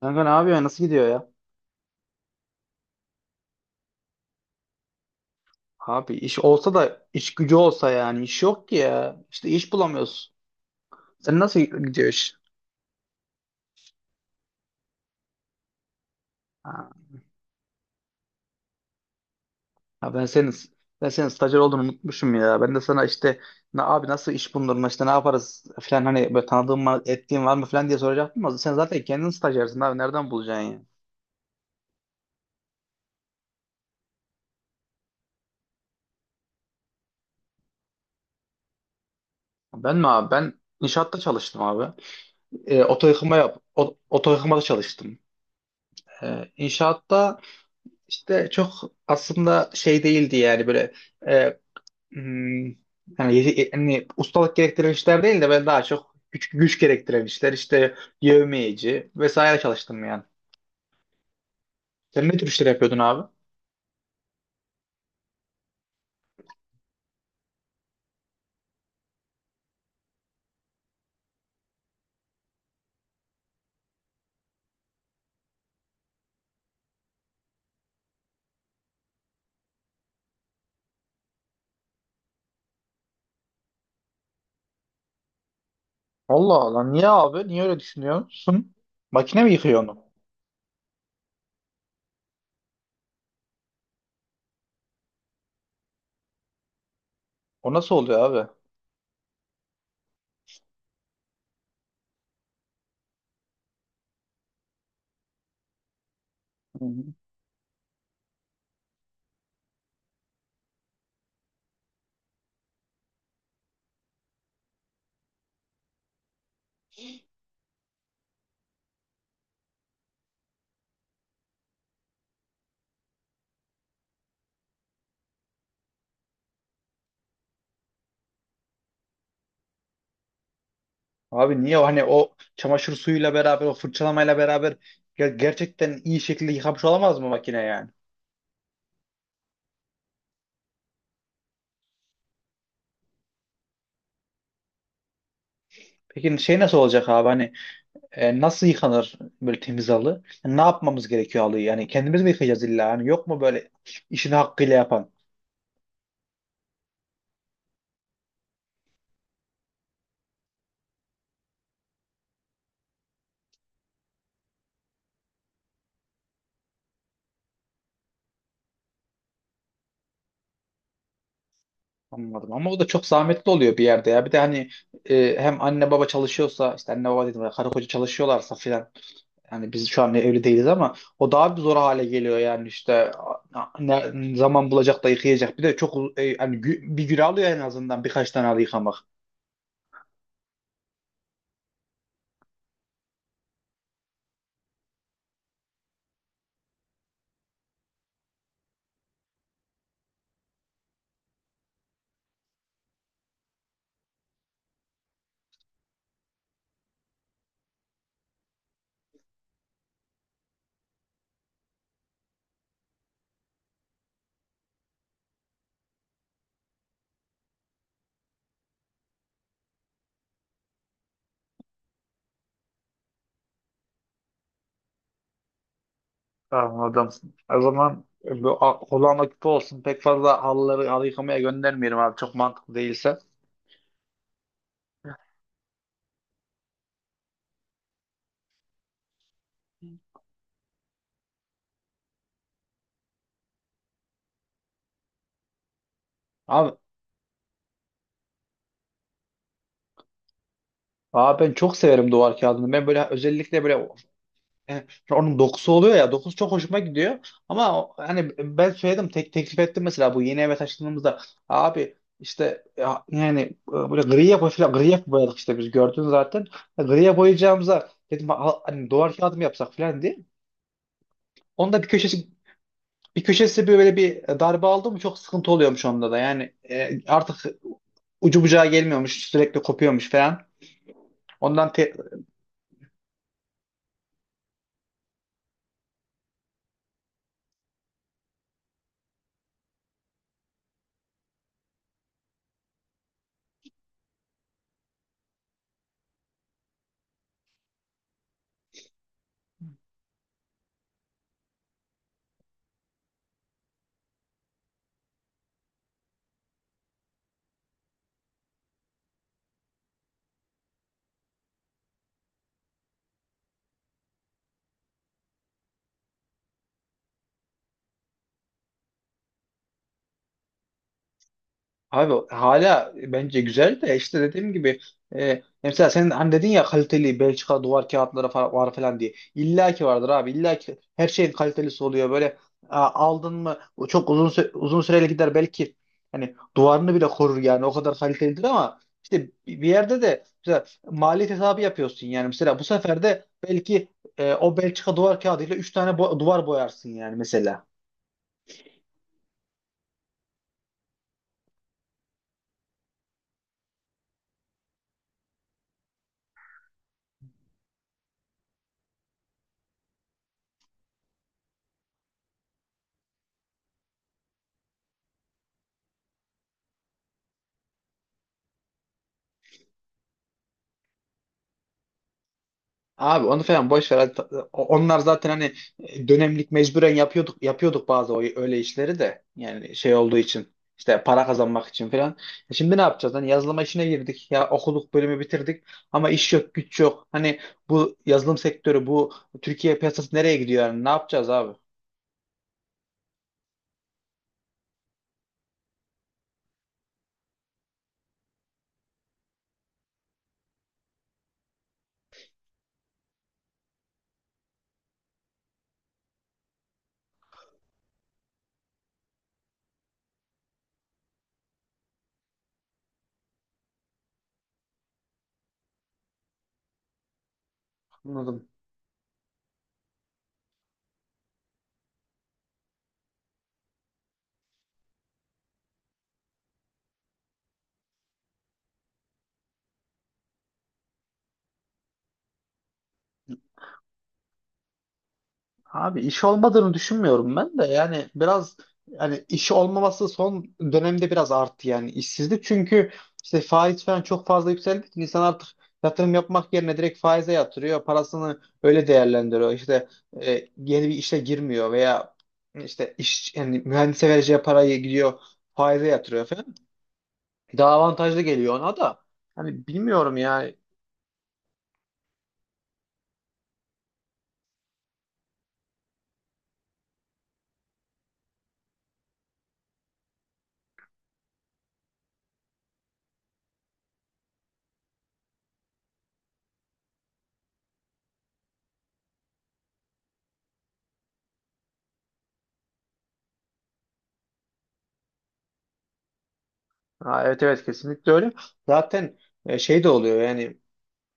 Kanka ne yapıyor? Ya? Nasıl gidiyor ya? Abi iş olsa da iş gücü olsa yani iş yok ki ya. İşte iş bulamıyoruz. Sen nasıl gidiyor iş? Ha, ya ben senin stajyer olduğunu unutmuşum ya. Ben de sana işte abi nasıl iş bulurum işte ne yaparız falan hani böyle tanıdığın mı ettiğin var mı falan diye soracaktım ama sen zaten kendin stajyersin abi nereden bulacaksın ya?" Ben mi abi? Ben inşaatta çalıştım abi. Oto yıkama oto yıkamada çalıştım. E, inşaatta işte çok aslında şey değildi yani böyle. e, Hmm, yani ustalık gerektiren işler değil de ben daha çok güç gerektiren işler işte yevmiyeci vesaire çalıştım yani. Sen ne tür işler yapıyordun abi? Allah Allah niye abi? Niye öyle düşünüyorsun? Makine mi yıkıyor onu? O nasıl oluyor abi? Hı hı. Abi niye o hani o çamaşır suyuyla beraber o fırçalamayla beraber gerçekten iyi şekilde yıkamış olamaz mı makine yani? Peki şey nasıl olacak abi hani, nasıl yıkanır böyle temiz halı? Ne yapmamız gerekiyor halıyı? Yani kendimiz mi yıkayacağız illa? Yani yok mu böyle işini hakkıyla yapan? Anladım. Ama o da çok zahmetli oluyor bir yerde ya. Bir de hani hem anne baba çalışıyorsa işte anne baba dedim ya, karı koca çalışıyorlarsa filan. Yani biz şu an evli değiliz ama o daha bir zor hale geliyor yani işte ne zaman bulacak da yıkayacak. Bir de çok yani bir gün alıyor en azından birkaç tane halı yıkamak. Anladım. O zaman bu kulağına küpe olsun. Pek fazla halıları halı yıkamaya göndermeyelim abi. Çok mantıklı değilse. Abi, abi, ben çok severim duvar kağıdını. Ben böyle özellikle böyle. E, Onun dokusu oluyor ya, dokusu çok hoşuma gidiyor ama hani ben söyledim, tek teklif ettim mesela bu yeni eve taşındığımızda abi, işte ya, yani böyle gri yapı falan, gri yapı boyadık işte, biz gördün zaten. Griye boyayacağımıza dedim, hani duvar kağıdı mı yapsak?" falan diye. Onda bir köşesi böyle bir darbe aldı mı çok sıkıntı oluyormuş onda da yani, artık ucu bucağı gelmiyormuş, sürekli kopuyormuş falan ondan. Abi hala bence güzel de işte dediğim gibi mesela sen hani dedin ya, kaliteli Belçika duvar kağıtları var falan diye. İlla ki vardır abi. İlla ki her şeyin kalitelisi oluyor. Böyle aldın mı o çok uzun uzun süreli gider belki, hani duvarını bile korur yani, o kadar kalitelidir ama işte bir yerde de mesela maliyet hesabı yapıyorsun yani, mesela bu sefer de belki o Belçika duvar kağıdıyla 3 tane duvar boyarsın yani mesela. Abi onu falan boş ver. Onlar zaten hani dönemlik mecburen yapıyorduk bazı öyle işleri de. Yani şey olduğu için işte, para kazanmak için falan. Şimdi ne yapacağız? Hani yazılıma işine girdik. Ya okuduk, bölümü bitirdik ama iş yok, güç yok. Hani bu yazılım sektörü, bu Türkiye piyasası nereye gidiyor yani? Ne yapacağız abi? Anladım. Abi iş olmadığını düşünmüyorum ben de, yani biraz hani iş olmaması son dönemde biraz arttı yani, işsizlik çünkü işte faiz falan çok fazla yükseldi ki insan artık yatırım yapmak yerine direkt faize yatırıyor parasını, öyle değerlendiriyor işte. e, Yeni bir işe girmiyor veya işte iş, yani mühendise vereceği parayı gidiyor faize yatırıyor falan, daha avantajlı geliyor ona da. Hani bilmiyorum yani. Ha, evet evet, kesinlikle öyle zaten. Şey de oluyor yani.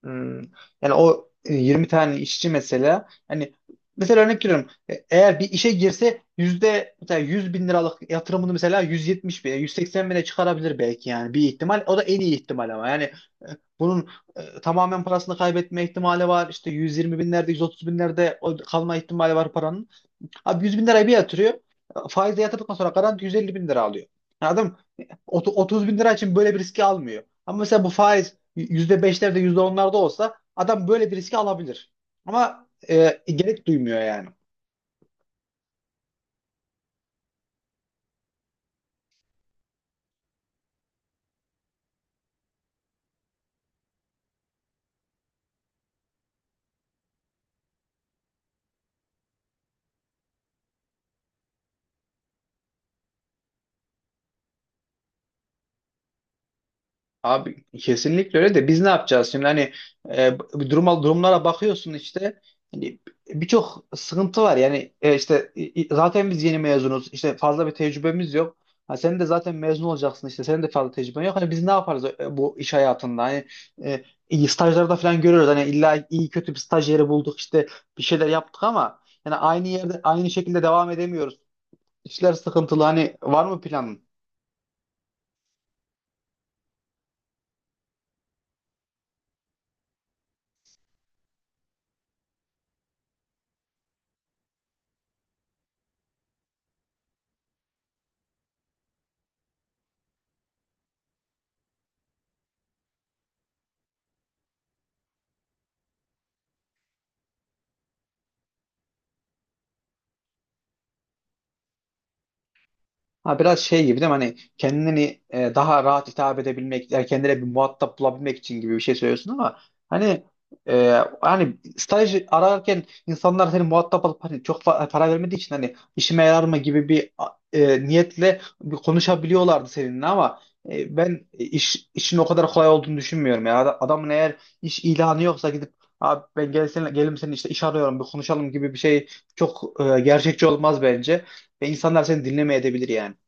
Hmm. Yani o 20 tane işçi mesela, hani mesela örnek veriyorum eğer bir işe girse yüzde mesela 100 bin liralık yatırımını mesela 170 bine, 180 bine çıkarabilir belki, yani bir ihtimal, o da en iyi ihtimal ama yani e, bunun tamamen parasını kaybetme ihtimali var işte, 120 binlerde, 130 binlerde o kalma ihtimali var paranın. Abi 100 bin lirayı bir yatırıyor. Faizle yatırdıktan sonra garanti 150 bin lira alıyor. Yani adam 30 bin lira için böyle bir riski almıyor. Ama mesela bu faiz %5'lerde, yüzde onlarda olsa adam böyle bir riski alabilir. Ama gerek duymuyor yani. Abi kesinlikle öyle de biz ne yapacağız şimdi? Hani bu duruma, durumlara bakıyorsun işte, hani birçok sıkıntı var yani. İşte zaten biz yeni mezunuz, işte fazla bir tecrübemiz yok. Ha, sen de zaten mezun olacaksın işte, senin de fazla tecrüben yok. Hani biz ne yaparız bu iş hayatında? Hani iyi stajlarda falan görüyoruz, hani illa iyi kötü bir staj yeri bulduk işte, bir şeyler yaptık ama yani aynı yerde aynı şekilde devam edemiyoruz, işler sıkıntılı. Hani var mı planın? Ha, biraz şey gibi değil mi? Hani kendini daha rahat hitap edebilmek, yani kendine bir muhatap bulabilmek için gibi bir şey söylüyorsun ama hani hani staj ararken insanlar seni muhatap alıp hani, çok para vermediği için hani işime yarar mı gibi bir niyetle bir konuşabiliyorlardı seninle ama ben işin o kadar kolay olduğunu düşünmüyorum. Yani adamın eğer iş ilanı yoksa gidip, "Abi ben gel seninle, gelim senin işte, iş arıyorum, bir konuşalım" gibi bir şey çok gerçekçi olmaz bence ve insanlar seni dinlemeye edebilir yani.